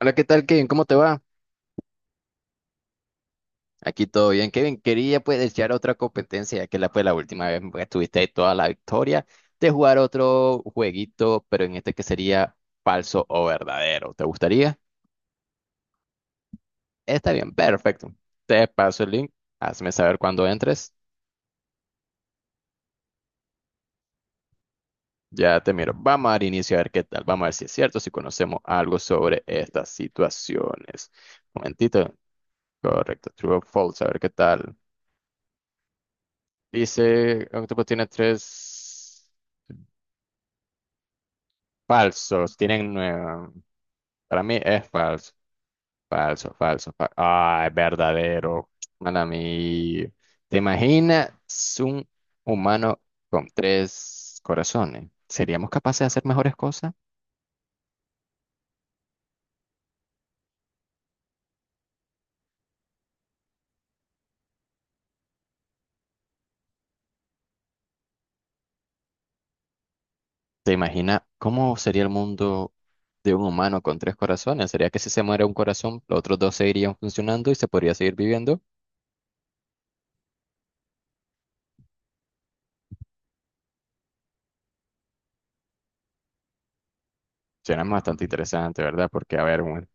Hola, ¿qué tal, Kevin? ¿Cómo te va? Aquí todo bien, Kevin. Quería pues desear otra competencia, ya que la, fue la última vez que tuviste toda la victoria, de jugar otro jueguito, pero en este que sería falso o verdadero. ¿Te gustaría? Está bien, perfecto. Te paso el link, hazme saber cuando entres. Ya te miro. Vamos a dar inicio a ver qué tal. Vamos a ver si es cierto, si conocemos algo sobre estas situaciones. Momentito. Correcto. True o false, a ver qué tal. Dice, Octopus tiene tres. Falsos, tienen nueve. Para mí es falso, falso, falso, falso. Ah, es verdadero. Mala mía. ¿Te imaginas un humano con tres corazones? ¿Seríamos capaces de hacer mejores cosas? ¿Te imaginas cómo sería el mundo de un humano con tres corazones? ¿Sería que si se muere un corazón, los otros dos seguirían funcionando y se podría seguir viviendo? Suena bastante interesante, ¿verdad? Porque, a ver,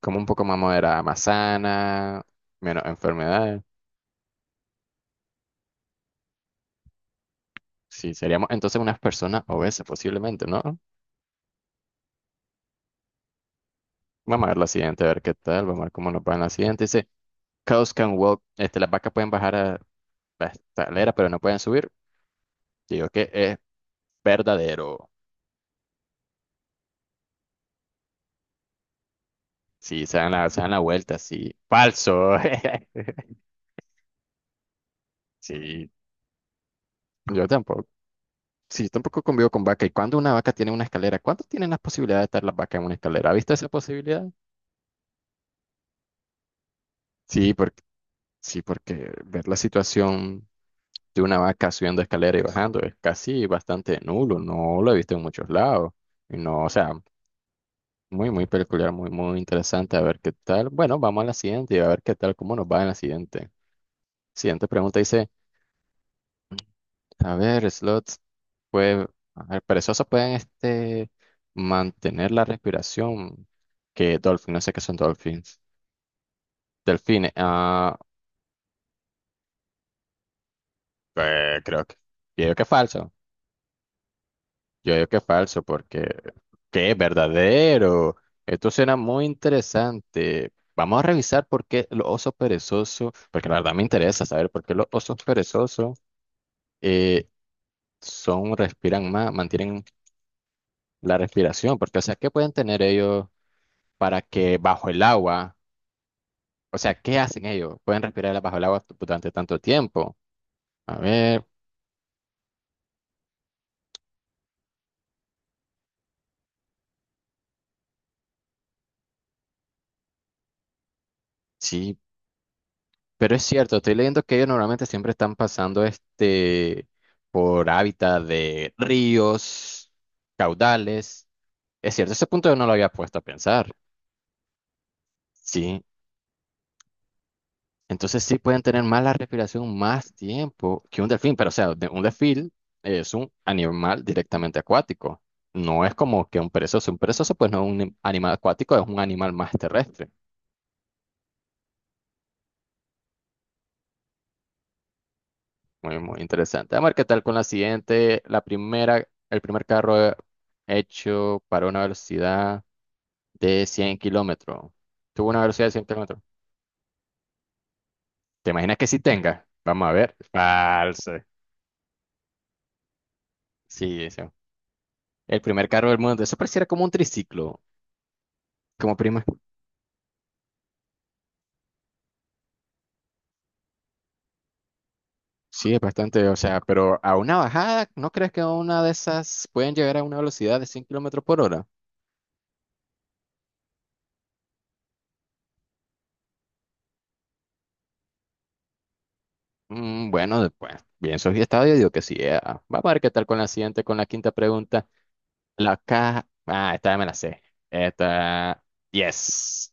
como un poco más moderada, más sana, menos enfermedades. Sí, seríamos entonces unas personas obesas posiblemente, ¿no? Vamos a ver la siguiente, a ver qué tal, vamos a ver cómo nos va en la siguiente. Dice, cows can walk, este, las vacas pueden bajar a la escalera, pero no pueden subir. Digo que es verdadero. Sí, se dan la vuelta, sí. Falso. Sí, yo tampoco. Sí, tampoco convivo con vaca. ¿Y cuando una vaca tiene una escalera? ¿Cuánto tienen las posibilidades de estar las vacas en una escalera? ¿Ha visto esa posibilidad? Sí, porque, sí, porque ver la situación de una vaca subiendo escalera y bajando. Es casi bastante nulo, no lo he visto en muchos lados. Y no, o sea, muy, muy peculiar, muy, muy interesante. A ver qué tal. Bueno, vamos a la siguiente y a ver qué tal, cómo nos va en la siguiente. Siguiente pregunta dice, a ver, slots, pues, a ver, perezosos pueden este, mantener la respiración que dolphins, no sé qué son dolphins. Delfines, ah, eh, creo que, creo que es falso. Yo digo que es falso porque que es verdadero. Esto suena muy interesante. Vamos a revisar por qué los osos perezosos, porque la verdad me interesa saber por qué los osos perezosos eh, son, respiran más, mantienen la respiración, porque o sea, ¿qué pueden tener ellos para que bajo el agua, o sea, ¿qué hacen ellos? Pueden respirar bajo el agua durante tanto tiempo. A ver, sí. Pero es cierto, estoy leyendo que ellos normalmente siempre están pasando este por hábitat de ríos, caudales. Es cierto, ese punto yo no lo había puesto a pensar. Sí, entonces sí pueden tener más la respiración más tiempo que un delfín, pero o sea, un delfín es un animal directamente acuático. No es como que un perezoso. Un perezoso, pues no es un animal acuático, es un animal más terrestre. Muy, muy interesante. Vamos a ver qué tal con la siguiente. La primera, el primer carro hecho para una velocidad de 100 kilómetros. Tuvo una velocidad de 100 kilómetros. ¿Te imaginas que sí tenga? Vamos a ver. Falso. Sí, sí. El primer carro del mundo. Eso pareciera como un triciclo, como prima. Sí, es bastante, o sea, pero a una bajada, ¿no crees que a una de esas pueden llegar a una velocidad de 100 kilómetros por hora? Mm, bueno, después, bien, soy estadio, digo que sí. Vamos a ver qué tal con la siguiente, con la quinta pregunta. La caja. Ah, esta ya me la sé. Esta. Yes.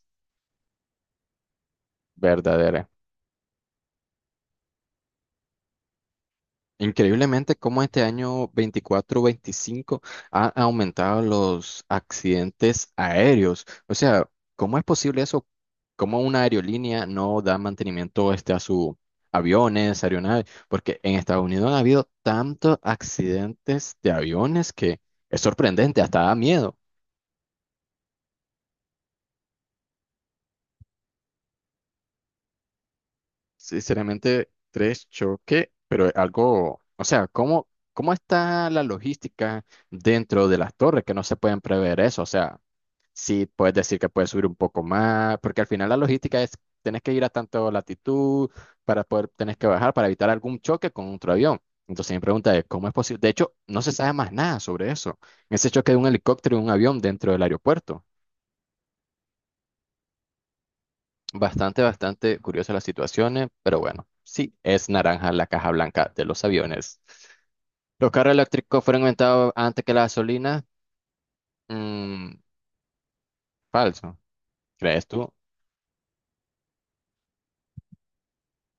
Verdadera. Increíblemente, cómo este año 24-25 han aumentado los accidentes aéreos. O sea, ¿cómo es posible eso? ¿Cómo una aerolínea no da mantenimiento este, a sus aviones, aeronaves? Porque en Estados Unidos han habido tantos accidentes de aviones que es sorprendente, hasta da miedo. Sinceramente, tres choque, pero algo, o sea, ¿cómo, cómo está la logística dentro de las torres que no se pueden prever eso? O sea, sí puedes decir que puedes subir un poco más, porque al final la logística es, tenés que ir a tanto latitud para poder, tenés que bajar para evitar algún choque con otro avión. Entonces mi pregunta es, ¿cómo es posible? De hecho, no se sabe más nada sobre eso, ese choque de un helicóptero y un avión dentro del aeropuerto. Bastante, bastante curiosas las situaciones, pero bueno, sí, es naranja la caja blanca de los aviones. Los carros eléctricos fueron inventados antes que la gasolina. Mm, falso, ¿crees tú?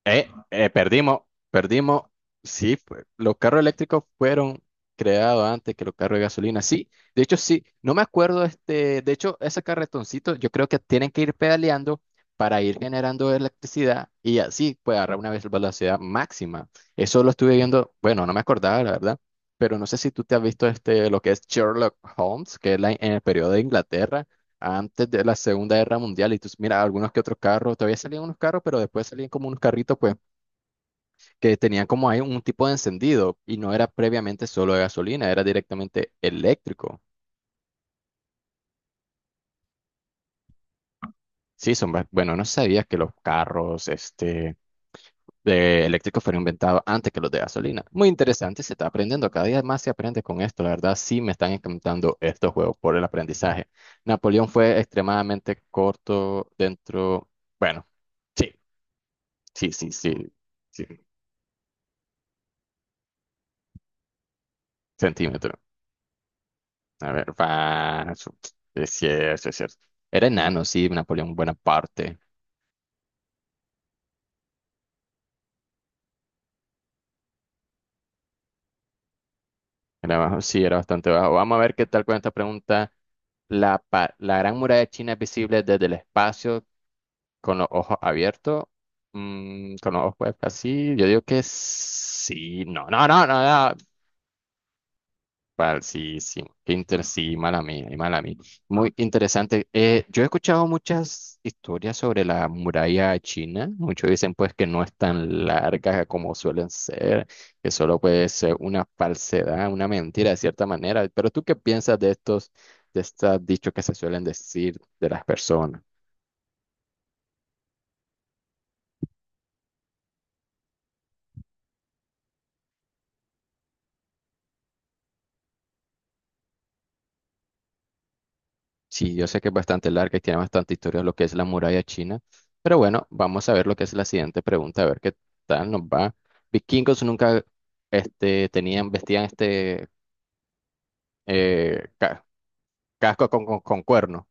Perdimos, perdimos. Sí, pues, los carros eléctricos fueron creados antes que los carros de gasolina. Sí, de hecho, sí. No me acuerdo, este, de hecho, ese carretoncito, yo creo que tienen que ir pedaleando para ir generando electricidad y así puede agarrar una vez velocidad máxima. Eso lo estuve viendo, bueno, no me acordaba, la verdad, pero no sé si tú te has visto este, lo que es Sherlock Holmes, que es en el periodo de Inglaterra antes de la Segunda Guerra Mundial. Y tú, mira, algunos que otros carros, todavía salían unos carros, pero después salían como unos carritos, pues, que tenían como ahí un tipo de encendido y no era previamente solo de gasolina, era directamente eléctrico. Sí, son, bueno, no sabía que los carros, este, de eléctricos fueron inventados antes que los de gasolina. Muy interesante, se está aprendiendo, cada día más se aprende con esto. La verdad, sí me están encantando estos juegos por el aprendizaje. Napoleón fue extremadamente corto dentro, bueno, sí, sí, sí, sí. Sí. Centímetro. A ver, va. Es cierto, es cierto. Era enano, sí, Napoleón Bonaparte. Era bajo, sí, era bastante bajo. Vamos a ver qué tal con esta pregunta. La, la Gran Muralla de China es visible desde el espacio con los ojos abiertos. Mm, con los ojos pues, así. Yo digo que sí. No, no, no, no, no. Pal, sí, sí, qué sí, mala mía, y mala mía. Muy interesante. Yo he escuchado muchas historias sobre la muralla china. Muchos dicen pues que no es tan larga como suelen ser, que solo puede ser una falsedad, una mentira de cierta manera. Pero ¿tú qué piensas de estos dichos que se suelen decir de las personas? Sí, yo sé que es bastante larga y tiene bastante historia lo que es la muralla china, pero bueno, vamos a ver lo que es la siguiente pregunta, a ver qué tal nos va. Vikingos nunca este, tenían, vestían este eh, ca- casco con cuerno.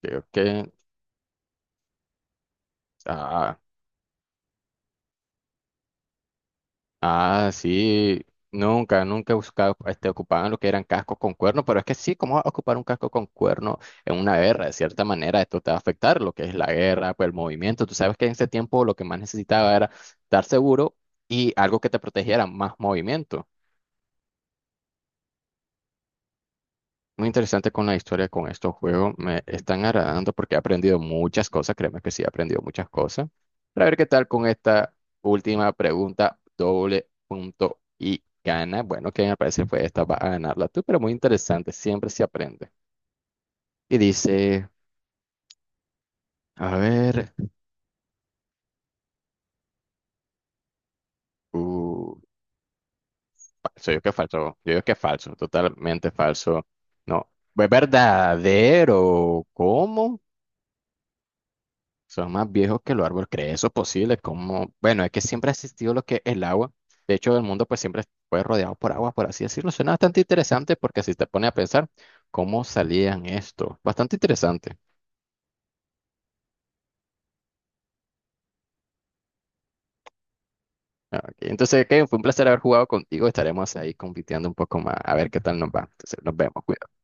Creo que ah, Ah, sí, nunca, nunca buscaba, este, ocupaban lo que eran cascos con cuerno, pero es que sí, ¿cómo vas a ocupar un casco con cuerno en una guerra? De cierta manera, esto te va a afectar lo que es la guerra, pues el movimiento. Tú sabes que en ese tiempo lo que más necesitaba era estar seguro y algo que te protegiera, más movimiento. Muy interesante con la historia con estos juegos. Me están agradando porque he aprendido muchas cosas. Créeme que sí, he aprendido muchas cosas. Para ver qué tal con esta última pregunta, doble punto y gana. Bueno, que me parece fue esta, va a ganarla tú, pero muy interesante. Siempre se aprende. Y dice, a ver, uh, falso, yo que falso, yo digo que falso, totalmente falso. No, es verdadero. ¿Cómo? Son más viejos que los árboles, ¿crees eso posible? Como, bueno, es que siempre ha existido lo que es el agua. De hecho, el mundo pues siempre fue rodeado por agua, por así decirlo. Suena bastante interesante porque si te pone a pensar cómo salían esto. Bastante interesante. Ok, entonces, Kevin, fue un placer haber jugado contigo. Estaremos ahí compitiendo un poco más. A ver qué tal nos va. Entonces, nos vemos. Cuídate.